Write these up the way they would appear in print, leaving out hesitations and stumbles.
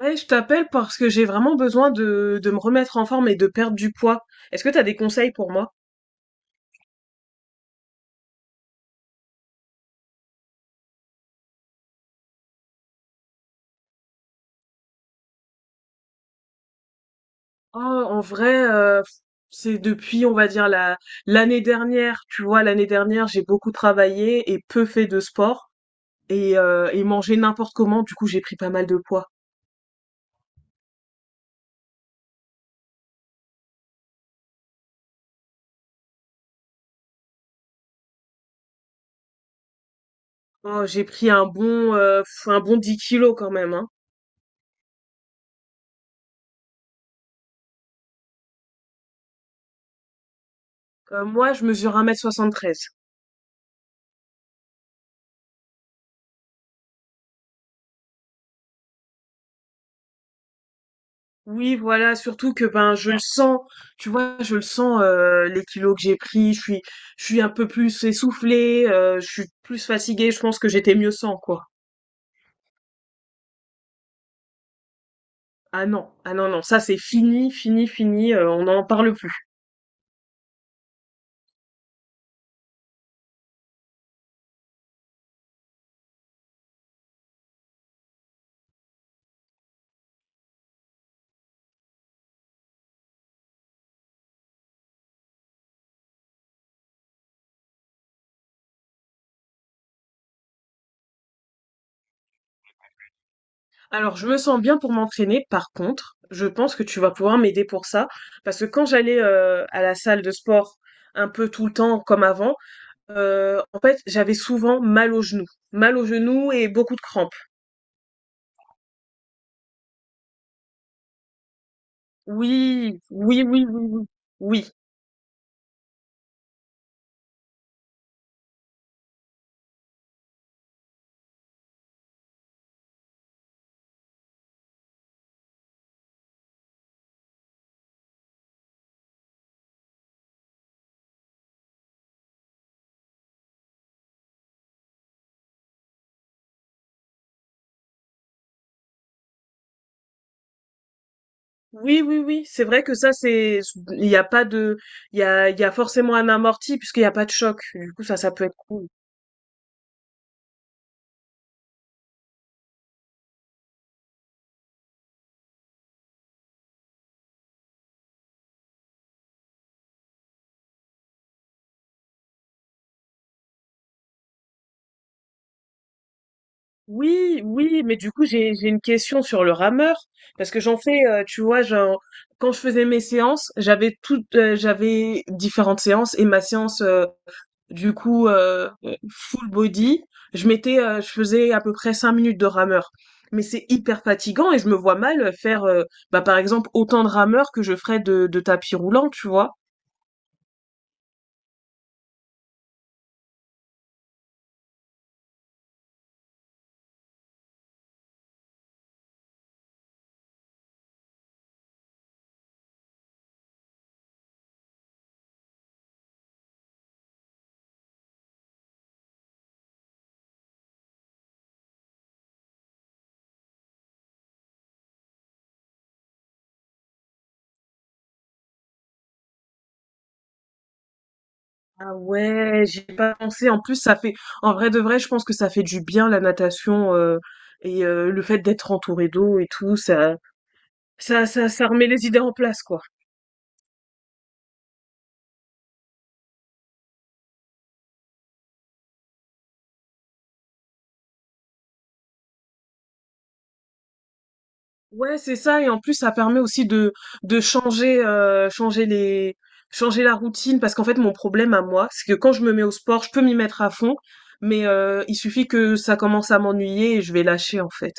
Ouais, je t'appelle parce que j'ai vraiment besoin de me remettre en forme et de perdre du poids. Est-ce que t'as des conseils pour moi? Oh, en vrai, euh, c'est depuis, on va dire, l'année dernière. Tu vois, l'année dernière, j'ai beaucoup travaillé et peu fait de sport et mangé n'importe comment. Du coup, j'ai pris pas mal de poids. Oh, j'ai pris un bon 10 kilos quand même, hein. Moi, je mesure 1 m 73. Oui, voilà, surtout que, ben, je le sens, tu vois? Je le sens, les kilos que j'ai pris, je suis un peu plus essoufflée, je suis plus fatiguée, je pense que j'étais mieux sans, quoi. Ah non, ah non, non, ça, c'est fini, fini, fini, on n'en parle plus. Alors je me sens bien pour m'entraîner, par contre, je pense que tu vas pouvoir m'aider pour ça, parce que quand j'allais, à la salle de sport un peu tout le temps comme avant, en fait, j'avais souvent mal aux genoux et beaucoup de crampes. Oui, oui, oui, oui, oui. Oui. Oui, oui, oui, c'est vrai que il n'y a pas de, il y a forcément un amorti puisqu'il n'y a pas de choc. Du coup, ça peut être cool. Oui, oui, mais du coup, j'ai une question sur le rameur parce que j'en fais, tu vois, genre, quand je faisais mes séances, j'avais différentes séances et ma séance Du coup, euh, full body, je faisais à peu près 5 minutes de rameur. Mais c'est hyper fatigant et je me vois mal faire, bah, par exemple, autant de rameurs que je ferais de tapis roulant, tu vois. Ah ouais, j'ai pas pensé. En plus, ça fait, en vrai de vrai, je pense que ça fait du bien la natation et le fait d'être entouré d'eau et tout, ça remet les idées en place, quoi. Ouais, c'est ça. Et en plus, ça permet aussi de changer, changer la routine. Parce qu'en fait, mon problème à moi, c'est que quand je me mets au sport, je peux m'y mettre à fond, mais il suffit que ça commence à m'ennuyer et je vais lâcher, en fait.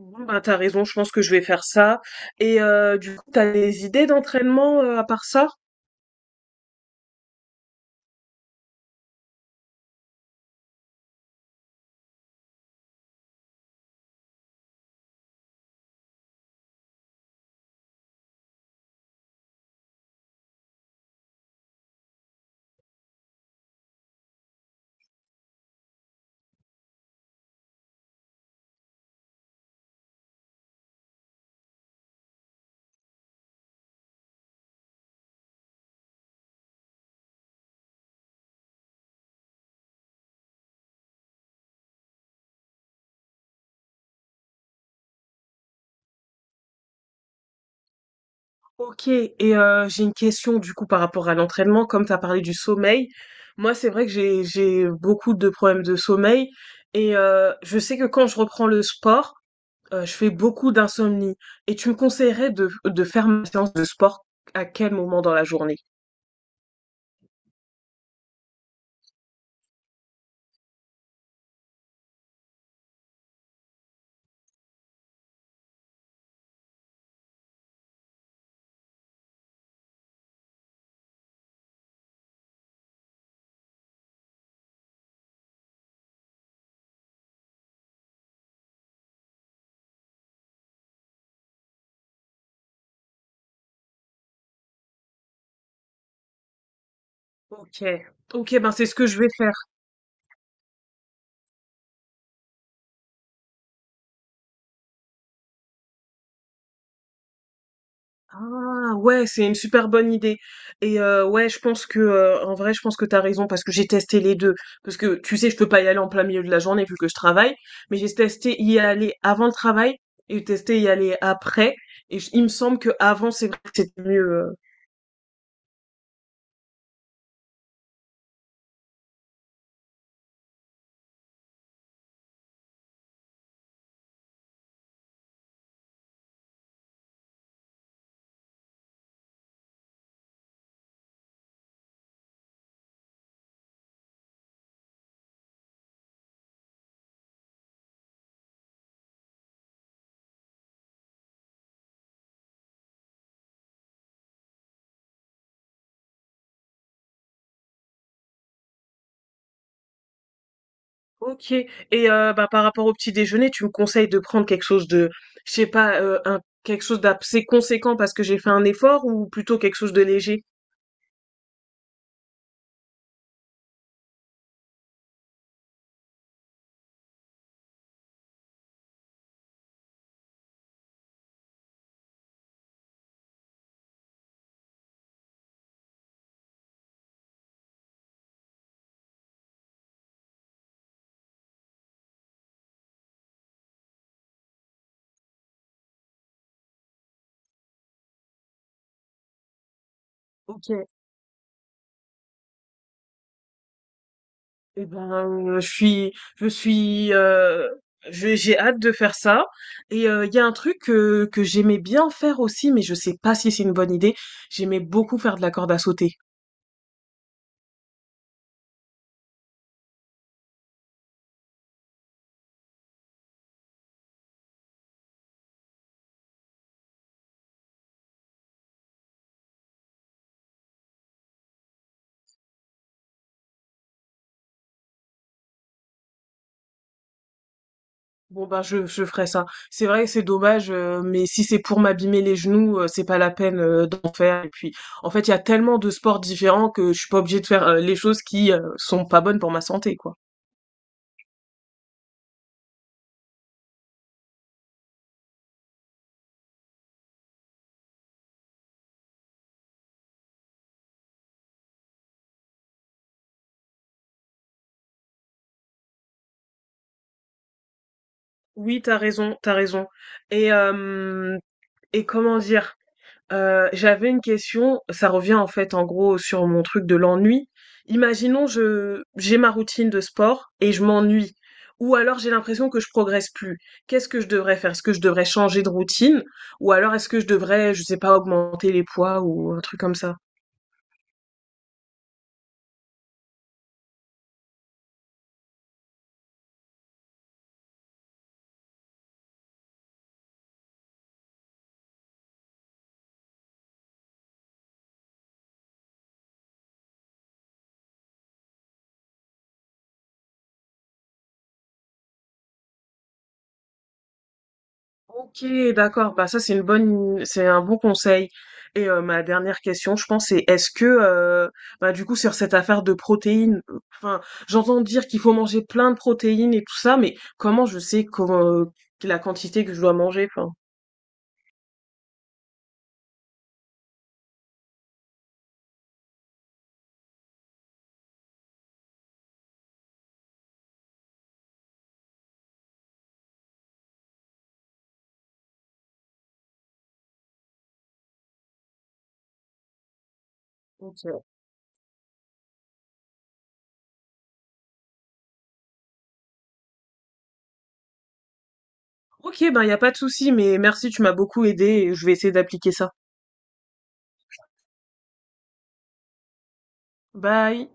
Bon, bah, t'as raison, je pense que je vais faire ça. Et du coup, t'as des idées d'entraînement à part ça? Ok, et j'ai une question du coup par rapport à l'entraînement, comme t'as parlé du sommeil. Moi, c'est vrai que j'ai beaucoup de problèmes de sommeil et je sais que quand je reprends le sport, je fais beaucoup d'insomnie et tu me conseillerais de faire ma séance de sport à quel moment dans la journée? OK. OK, ben, c'est ce que je vais faire. Ah ouais, c'est une super bonne idée. Et ouais, je pense que en vrai, je pense que t'as raison parce que j'ai testé les deux. Parce que tu sais, je peux pas y aller en plein milieu de la journée vu que je travaille, mais j'ai testé y aller avant le travail et testé y aller après. Il me semble que avant, c'est vrai que c'était mieux. Ok. Et bah, par rapport au petit déjeuner, tu me conseilles de prendre quelque chose de, je sais pas, quelque chose d'assez conséquent parce que j'ai fait un effort ou plutôt quelque chose de léger? Ok. Eh ben, je suis, j'ai hâte de faire ça. Et il y a un truc que j'aimais bien faire aussi, mais je sais pas si c'est une bonne idée. J'aimais beaucoup faire de la corde à sauter. Bon bah je ferai ça. C'est vrai que c'est dommage, mais si c'est pour m'abîmer les genoux, c'est pas la peine d'en faire. Et puis, en fait, il y a tellement de sports différents que je suis pas obligée de faire les choses qui sont pas bonnes pour ma santé, quoi. Oui, t'as raison, t'as raison. Et euh, et comment dire? J'avais une question, ça revient en fait en gros sur mon truc de l'ennui. Imaginons je j'ai ma routine de sport et je m'ennuie, ou alors j'ai l'impression que je progresse plus. Qu'est-ce que je devrais faire? Est-ce que je devrais changer de routine, ou alors est-ce que je devrais, je sais pas, augmenter les poids ou un truc comme ça? Ok, d'accord. Bah ça c'est une bonne, c'est un bon conseil. Et ma dernière question, je pense, c'est est-ce que, bah du coup sur cette affaire de protéines, enfin j'entends dire qu'il faut manger plein de protéines et tout ça, mais comment je sais comment, la quantité que je dois manger, enfin. Ok, ok, bah y a pas de souci, mais merci, tu m'as beaucoup aidé et je vais essayer d'appliquer ça. Bye.